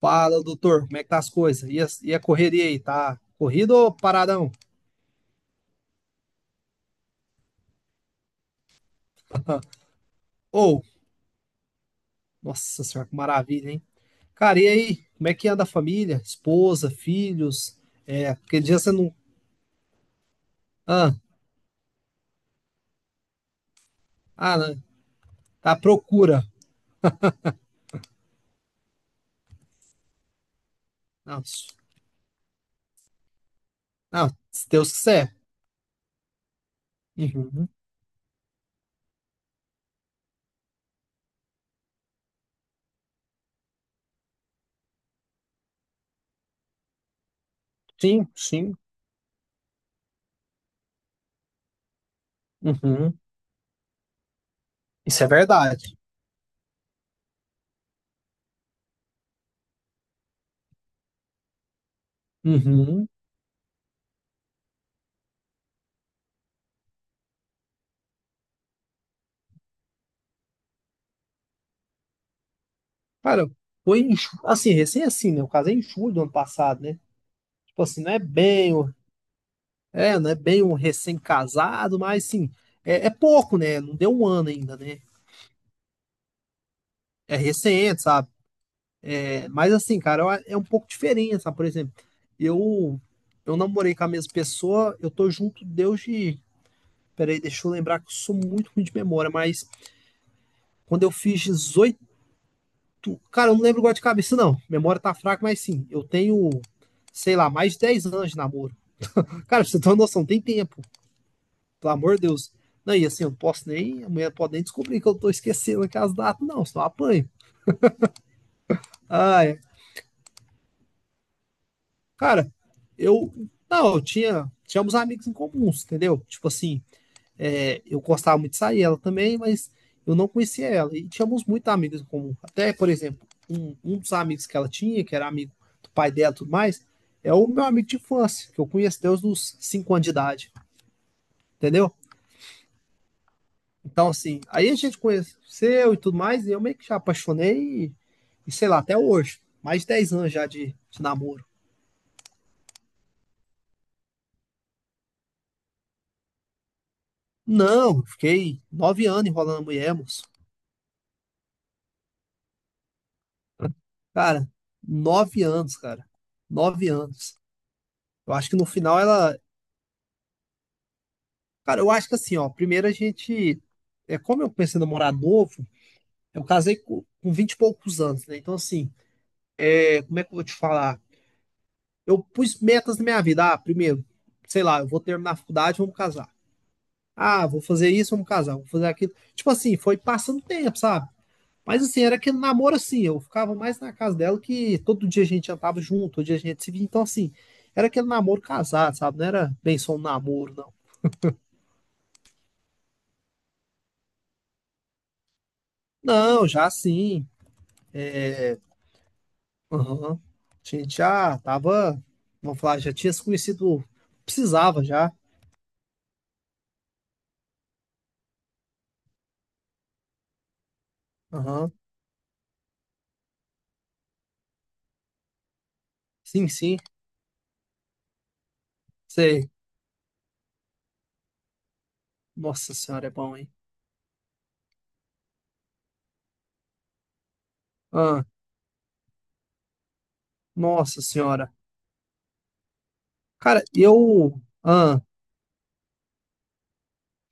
Fala, doutor, como é que tá as coisas? E a correria aí, tá corrido ou paradão? Ou, nossa senhora, que maravilha, hein? Cara, e aí, como é que anda a família? Esposa, filhos? É, porque dia você não. Ah, ah, não, tá à procura. Não, não, se Deus quiser. Uhum. Sim, sim. Uhum. Isso é verdade. Uhum. Cara, foi em, assim, recém assim, né? O caso é em julho do ano passado, né? Tipo assim, não é bem. É, né? Bem um recém-casado, mas assim, é pouco, né? Não deu um ano ainda, né? É recente, sabe? É, mas assim, cara, é um pouco diferente, sabe? Por exemplo, eu eu namorei com a mesma pessoa, eu tô junto desde. Peraí, deixa eu lembrar que eu sou muito ruim de memória, mas quando eu fiz 18, cara, eu não lembro agora de cabeça, não. Memória tá fraca, mas sim, eu tenho, sei lá, mais de 10 anos de namoro. Cara, pra você ter uma noção, tem tempo. Pelo amor de Deus. Não, e assim, eu não posso nem. A mulher pode nem descobrir que eu tô esquecendo aqui as datas, não, senão eu apanho. Ah, é. Cara, eu. Não, eu tinha. Tínhamos amigos em comuns, entendeu? Tipo assim, é, eu gostava muito de sair ela também, mas eu não conhecia ela. E tínhamos muitos amigos em comum. Até, por exemplo, um dos amigos que ela tinha, que era amigo do pai dela e tudo mais, é o meu amigo de infância, que eu conheço desde os 5 anos de idade, entendeu? Então, assim, aí a gente conheceu e tudo mais, e eu meio que já apaixonei, e sei lá, até hoje, mais de 10 anos já de namoro. Não, fiquei 9 anos enrolando a mulher, moço. Cara, 9 anos, cara. Nove anos. Eu acho que no final ela. Cara, eu acho que assim, ó, primeiro a gente. É, como eu comecei a namorar novo, eu casei com 20 e poucos anos, né? Então, assim, é, como é que eu vou te falar? Eu pus metas na minha vida. Ah, primeiro, sei lá, eu vou terminar a faculdade, vamos casar. Ah, vou fazer isso, vamos casar, vou fazer aquilo. Tipo assim, foi passando tempo, sabe? Mas assim, era aquele namoro assim, eu ficava mais na casa dela que todo dia a gente jantava junto, todo dia a gente se via. Então assim, era aquele namoro casado, sabe? Não era bem só um namoro, não. Não, já sim. Aham. A gente já tava, vamos falar, já tinha se conhecido, precisava já. Aham. Sim, sim, sei. Nossa senhora, é bom, hein? Ah, nossa senhora. Cara, eu. Ah.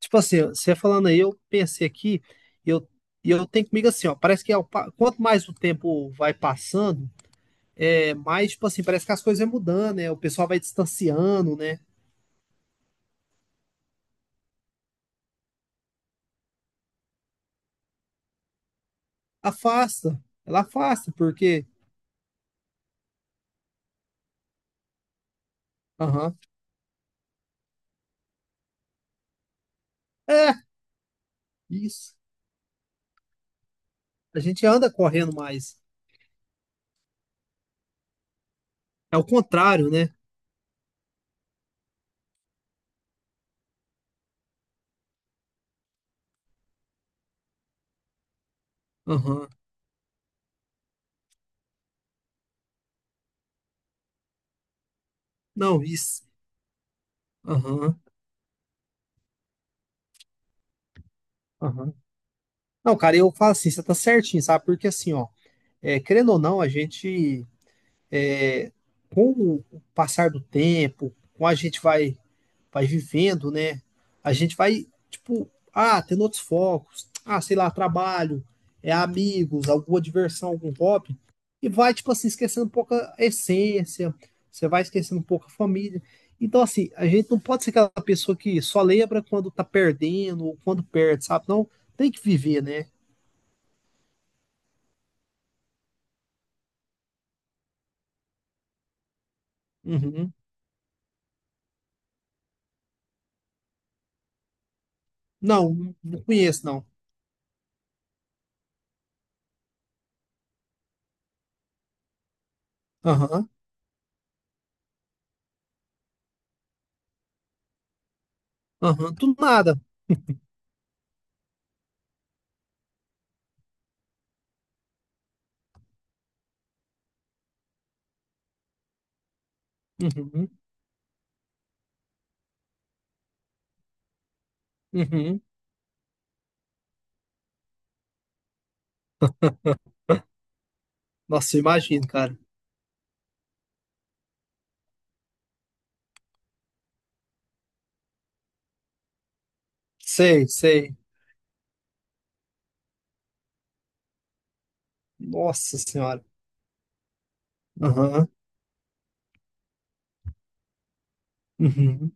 Tipo assim, você falando aí, eu pensei aqui, e eu, e eu tenho comigo assim, ó, parece que quanto mais o tempo vai passando, é mais, tipo assim, parece que as coisas vão mudando, né? O pessoal vai distanciando, né? Afasta, ela afasta, porque, aham, é, isso. A gente anda correndo mais. É o contrário, né? Aham, não, isso, aham, aham. Não, cara, eu falo assim, você tá certinho, sabe? Porque assim, ó, é, querendo ou não, a gente é, com o passar do tempo, com a gente vai vivendo, né? A gente vai, tipo, ah, tendo outros focos, ah, sei lá, trabalho, é amigos, alguma diversão, algum hobby, e vai, tipo assim, esquecendo um pouco a essência, você vai esquecendo um pouco a família. Então, assim, a gente não pode ser aquela pessoa que só lembra quando tá perdendo ou quando perde, sabe? Não, tem que viver, né? Uhum. Não, não conheço, não. Aham, aham, do nada. Uhum, uhum. Nossa, eu imagino, cara. Sei, sei. Nossa senhora. Aham. Uhum.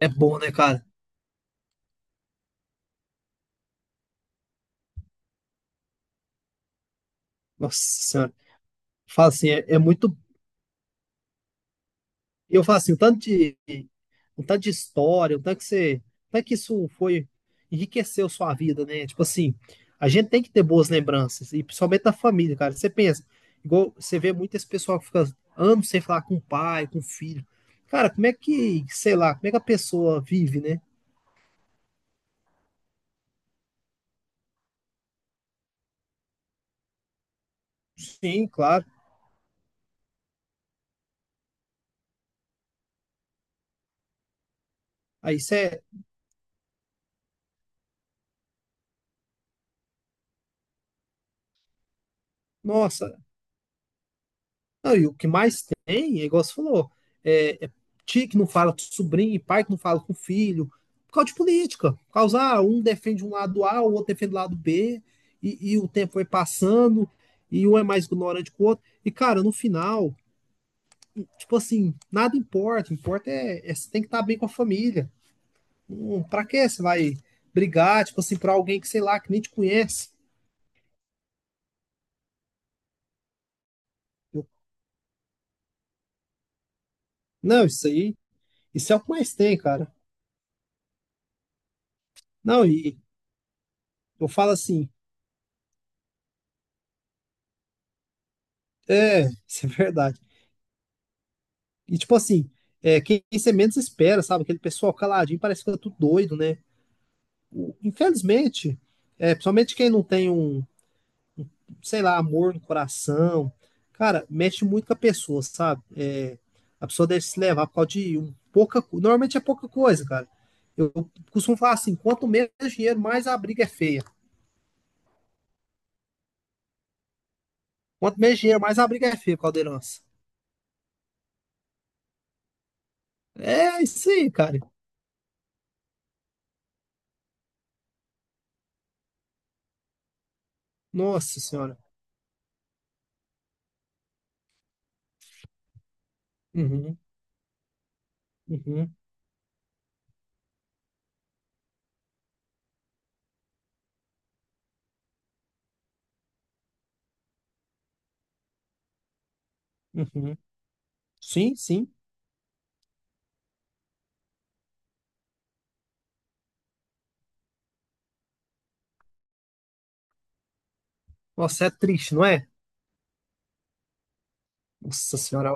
É bom, né, cara? Nossa senhora. Fala assim, é muito. Eu falo assim, um tanto de história, o tanto que você. O tanto que isso foi. Enriqueceu sua vida, né? Tipo assim, a gente tem que ter boas lembranças, e principalmente da família, cara. Você pensa, igual você vê muito esse pessoal que fica anos sem falar com o pai, com o filho. Cara, como é que, sei lá, como é que a pessoa vive, né? Sim, claro. Aí você, nossa. Não, e o que mais tem, é igual você falou, é tio que não fala com sobrinho, pai que não fala com filho, por causa de política. Por causa, ah, um defende um lado A, o outro defende o lado B, e o tempo vai passando, e um é mais ignorante que o outro. E, cara, no final, tipo assim, nada importa. Importa é você tem que estar bem com a família. Pra que você vai brigar, tipo assim, pra alguém que, sei lá, que nem te conhece? Eu, não, isso aí, isso é o que mais tem, cara. Não, e eu falo assim, é, isso é verdade. E tipo assim, é, quem você menos espera, sabe? Aquele pessoal caladinho parece que tá tudo doido, né? Infelizmente, é, principalmente quem não tem um, sei lá, amor no coração, cara, mexe muito com a pessoa, sabe? É, a pessoa deve se levar por causa de um, pouca, normalmente é pouca coisa, cara. Eu costumo falar assim, quanto menos dinheiro, mais a briga é feia. Quanto menos dinheiro, mais a briga é feia, Caldeirãs. É isso aí, cara. Nossa senhora. Uhum, uhum, uhum. Sim, sim. Nossa, é triste, não é? Nossa senhora,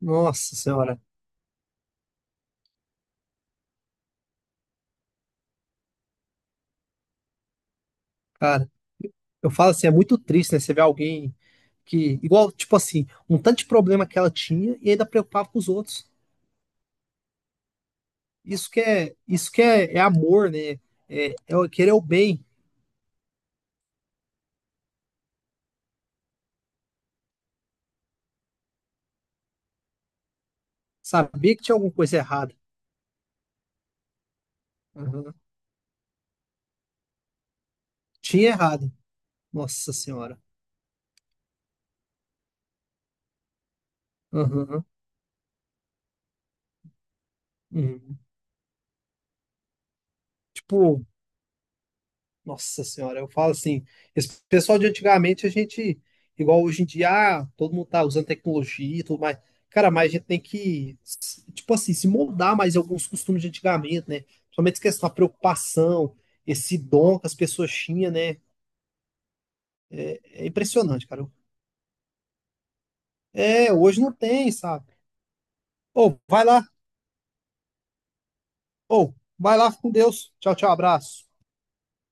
nossa senhora, cara, eu falo assim, é muito triste, né? Você vê alguém que, igual, tipo assim, um tanto de problema que ela tinha e ainda preocupava com os outros. Isso que é, é amor, né? É, querer o bem, saber que tinha alguma coisa errada. Aham. Tinha errado. Nossa senhora. Aham. Uhum. Tipo, nossa senhora, eu falo assim, esse pessoal de antigamente, a gente, igual hoje em dia, ah, todo mundo tá usando tecnologia e tudo mais. Cara, mas a gente tem que, tipo assim, se moldar mais em alguns costumes de antigamente, né? Principalmente essa questão da preocupação, esse dom que as pessoas tinham, né? É impressionante, cara. É, hoje não tem, sabe? Ô, vai lá, ô, vai lá, fica com Deus. Tchau, tchau, abraço.